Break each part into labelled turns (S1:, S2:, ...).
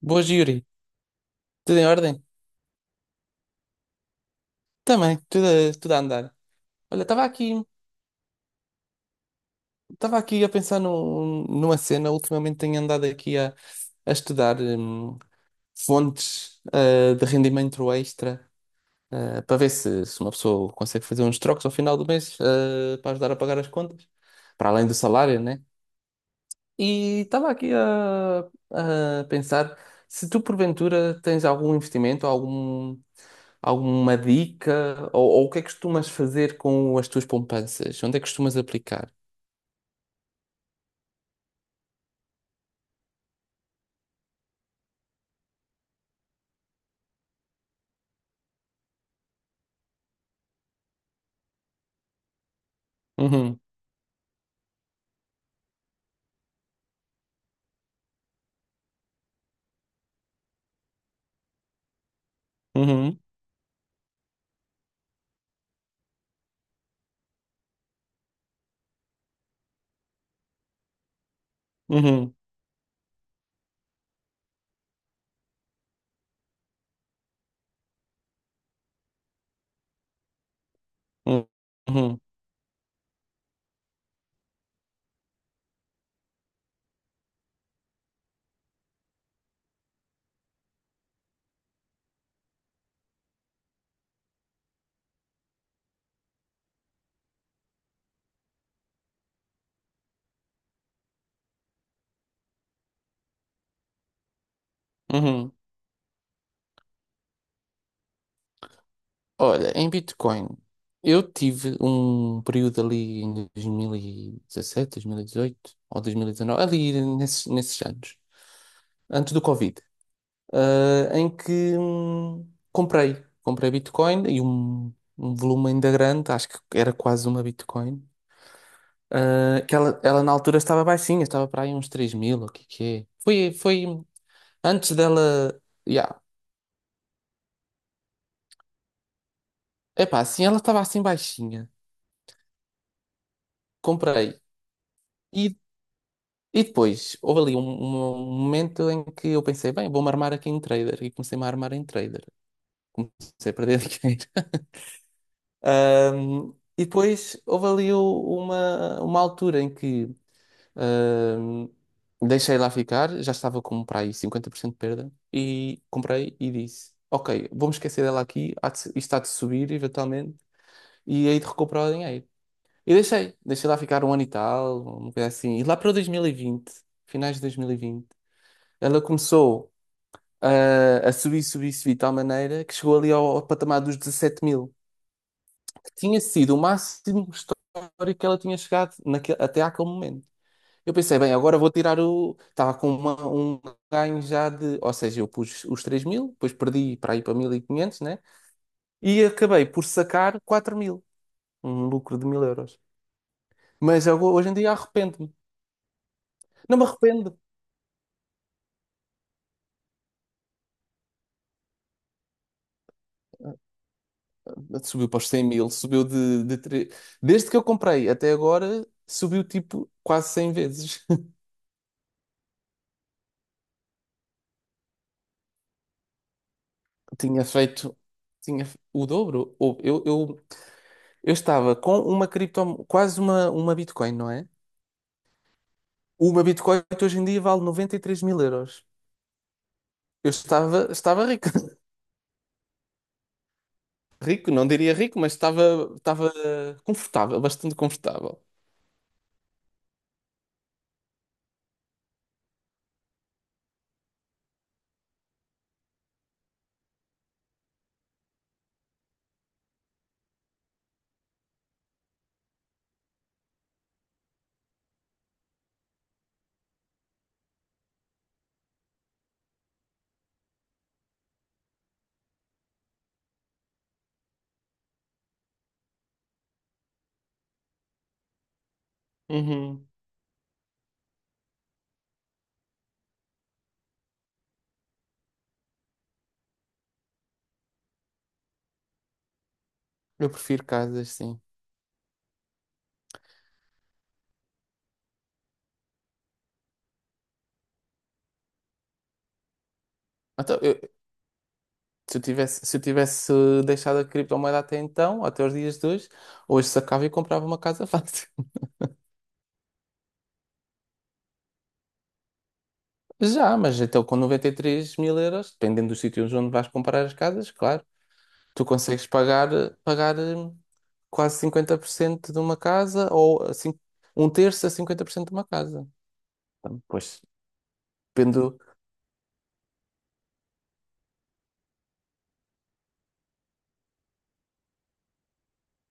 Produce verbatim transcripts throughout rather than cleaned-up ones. S1: Boas, Yuri. Tudo em ordem? Também, tudo a, tudo a andar. Olha, estava aqui, estava aqui a pensar num- numa cena. Ultimamente tenho andado aqui a, a estudar hum, fontes ah, de rendimento extra ah, para ver se, se uma pessoa consegue fazer uns trocos ao final do mês ah, para ajudar a pagar as contas, para além do salário, né? E estava aqui a, a pensar se tu porventura tens algum investimento, algum, alguma dica, ou, ou o que é que costumas fazer com as tuas poupanças? Onde é que costumas aplicar? Uhum, uhum, uhum, uhum, uhum, uhum. Olha, em Bitcoin, eu tive um período ali em dois mil e dezassete, dois mil e dezoito ou dois mil e dezanove, ali nesses, nesses anos, antes do Covid, ah, em que hum, comprei, comprei Bitcoin e um, um volume ainda grande, acho que era quase uma Bitcoin, ah, que ela, ela na altura estava baixinha, estava para aí uns três mil, o que que é? Foi, foi antes dela, yeah. Epá, assim, ela estava assim baixinha, comprei. E depois, houve ali um, um um momento em que eu pensei, bem, vou-me armar aqui em trader. E comecei-me a armar em trader. Comecei a perder dinheiro. Ahm, e depois, houve ali o- uma, uma altura em que ahm, deixei lá ficar, já estava com para aí cinquenta por cento de perda. E comprei e disse, ok, vou-me esquecer dela aqui, há de se- isto há de subir eventualmente, e aí de recuperar o dinheiro. E deixei, deixei lá ficar um ano e tal, uma coisa assim. E lá para o dois mil e vinte, finais de dois mil e vinte, ela começou ah, a subir, subir, subir de tal maneira que chegou ali ao, ao patamar dos dezassete mil, que tinha sido o máximo histórico que ela tinha chegado naquele- até àquele momento. Eu pensei, bem, agora vou tirar o. Estava com uma- um ganho já de. Ou seja, eu pus os três mil, depois perdi para ir para mil e quinhentos, né? E acabei por sacar quatro mil, um lucro de mil euros. Mas agora, hoje em dia arrependo-me. Não me arrependo. Subiu para os cem mil, subiu de, de tre- Desde que eu comprei até agora, subiu tipo quase cem vezes. tinha feito tinha fe- o dobro. Ou- Eu, eu, eu estava com uma criptomoeda, quase uma, uma Bitcoin, não é? Uma Bitcoin que hoje em dia vale noventa e três mil euros. Eu estava, estava rico. Rico, não diria rico, mas estava, estava confortável, bastante confortável. Uhum. Eu prefiro casas, sim. Então, eu- se eu tivesse, se eu tivesse deixado a criptomoeda até então, até os dias de hoje, hoje sacava e comprava uma casa fácil. Já, mas então com noventa e três mil euros, dependendo dos sítios onde vais comprar as casas, claro, tu consegues pagar, pagar hum, quase cinquenta por cento de uma casa ou assim, um terço a cinquenta por cento de uma casa. Então, pois, depende. do-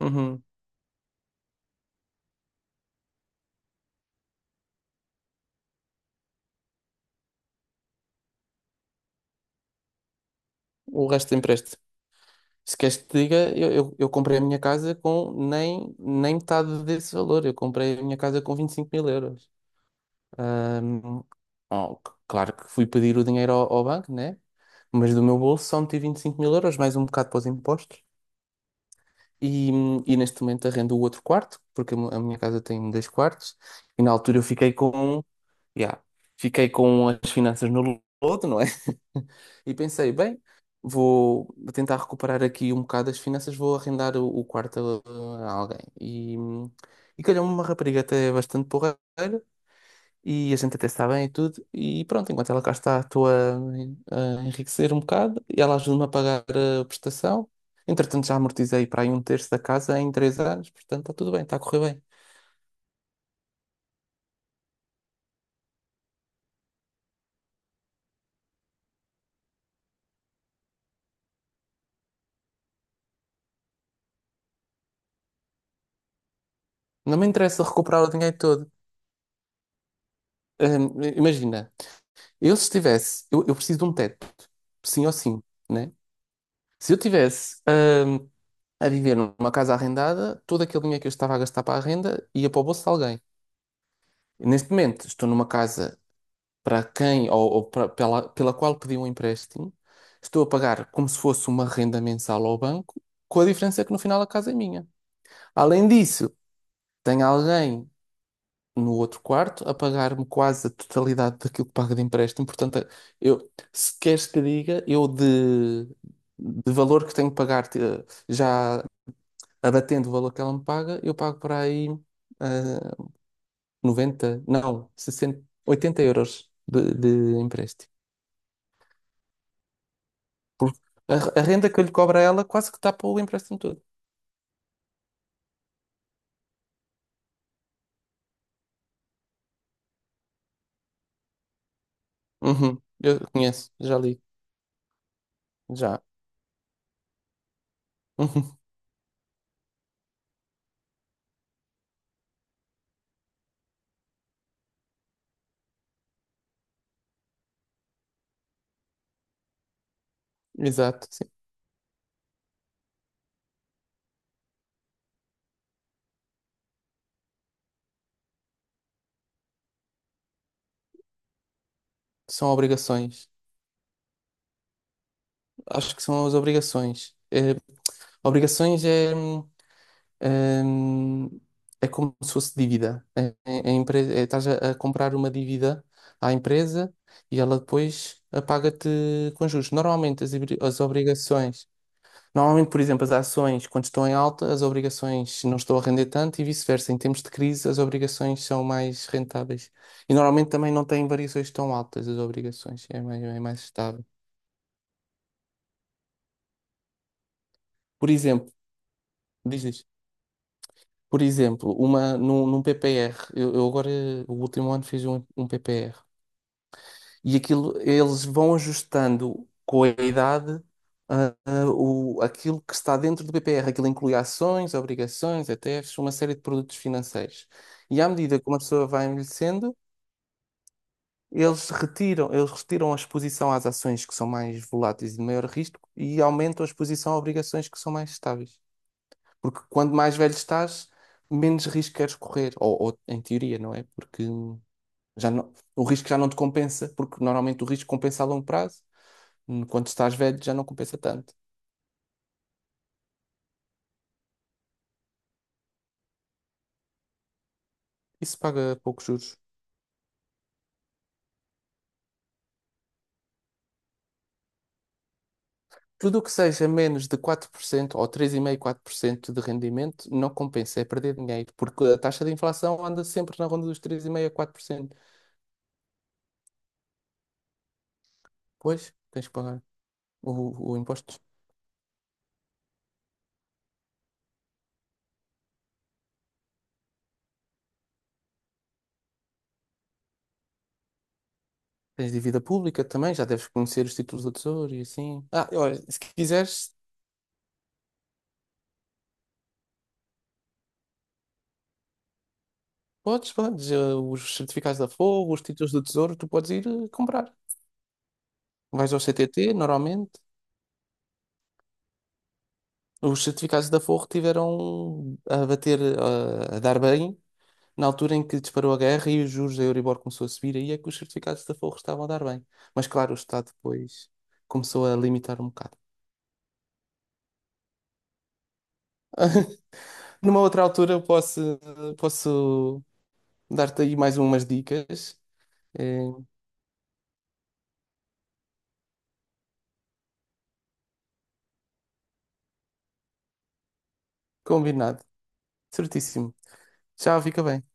S1: Uhum. O resto empresta. Se queres que te diga, eu, eu, eu comprei a minha casa com nem, nem metade desse valor. Eu comprei a minha casa com vinte e cinco mil euros. Ahm, oh, c- claro que fui pedir o dinheiro ao, ao banco, né? Mas do meu bolso só meti vinte e cinco mil euros, mais um bocado para os impostos. E, hum, e neste momento arrendo o outro quarto, porque a mi- a minha casa tem dois quartos. E na altura eu fiquei com Yeah. Fiquei com as finanças no lodo, não é? E pensei, bem, vou tentar recuperar aqui um bocado as finanças, vou arrendar o, o quarto a, a alguém. E, e calhou-me uma rapariga até bastante porreira, e a gente até está bem e tudo. E pronto, enquanto ela cá está, estou a, a enriquecer um bocado, e ela ajuda-me a pagar a prestação. Entretanto, já amortizei para aí um terço da casa em três anos, portanto, está tudo bem, está a correr bem. Não me interessa recuperar o dinheiro todo. Hum, imagina, Eu se tivesse, eu, eu preciso de um teto, sim ou sim, né? Se eu tivesse, hum, a viver numa casa arrendada, todo aquele dinheiro que eu estava a gastar para a renda ia para o bolso de alguém. Neste momento, estou numa casa para quem ou, ou para- pela, pela qual pedi um empréstimo, estou a pagar como se fosse uma renda mensal ao banco, com a diferença que no final a casa é minha. Além disso, tenho alguém no outro quarto a pagar-me quase a totalidade daquilo que pago de empréstimo. Portanto, a- eu, se queres que diga, eu de, de valor que tenho que pagar, te- já abatendo o valor que ela me paga, eu pago por aí ah, noventa, não, sessenta oitenta euros de, de empréstimo. A, a renda que eu lhe cobro a ela quase que tapa o empréstimo todo. Uhum, eu conheço, já li, já. Uhum, exato, sim. São obrigações. Acho que são as obrigações. É, obrigações é, hum, hum, é como se fosse dívida. É, é- é empre- é- estás a, a comprar uma dívida à empresa e ela depois eh, paga-te com juros. Normalmente as, ibri- as obrigações, normalmente, por exemplo, as ações, quando estão em alta, as obrigações não estão a render tanto e vice-versa. Em tempos de crise, as obrigações são mais rentáveis. E normalmente também não têm variações tão altas as obrigações, é mais, é mais estável. Por exemplo, diz isto. Por exemplo, uma, num, num P P R, eu, eu agora, o último ano, fiz um, um P P R. E aquilo, eles vão ajustando com a idade, ah, ah, o, aquilo que está dentro do P P R. Aquilo inclui ações, obrigações, E T Fs, uma série de produtos financeiros. E à medida que uma pessoa vai envelhecendo, eles retiram, eles retiram a exposição às ações que são mais voláteis e de maior risco e aumentam a exposição a obrigações que são mais estáveis. Porque quanto mais velho estás, menos risco queres correr. Ou, ou em teoria, não é? Porque já não, o risco já não te compensa, porque normalmente o risco compensa a longo prazo. Hum, Quando estás velho, já não compensa tanto. Isso paga poucos juros. Tudo o que seja menos de quatro por cento ou três vírgula cinco por cento, quatro por cento de rendimento não compensa, é perder dinheiro, porque a taxa de inflação anda sempre na ronda dos três vírgula cinco a quatro por cento. Pois, tens que pagar o, o imposto. Tens dívida pública também, já deves conhecer os títulos do Tesouro e assim. Ah, olha, se quiseres, Podes, podes, eh, os certificados da Forro, os títulos do Tesouro, tu podes ir eh, comprar. Vais ao C T T, normalmente. Os certificados da Forro tiveram a bater, eh, a dar bem na altura em que disparou a guerra e os juros da Euribor começou a subir, aí é que os certificados da Forro estavam a dar bem. Mas claro, o Estado depois começou a limitar um bocado. Numa outra altura eu posso, posso dar-te aí mais umas dicas. Eh, combinado. Certíssimo. Tchau, fica bem.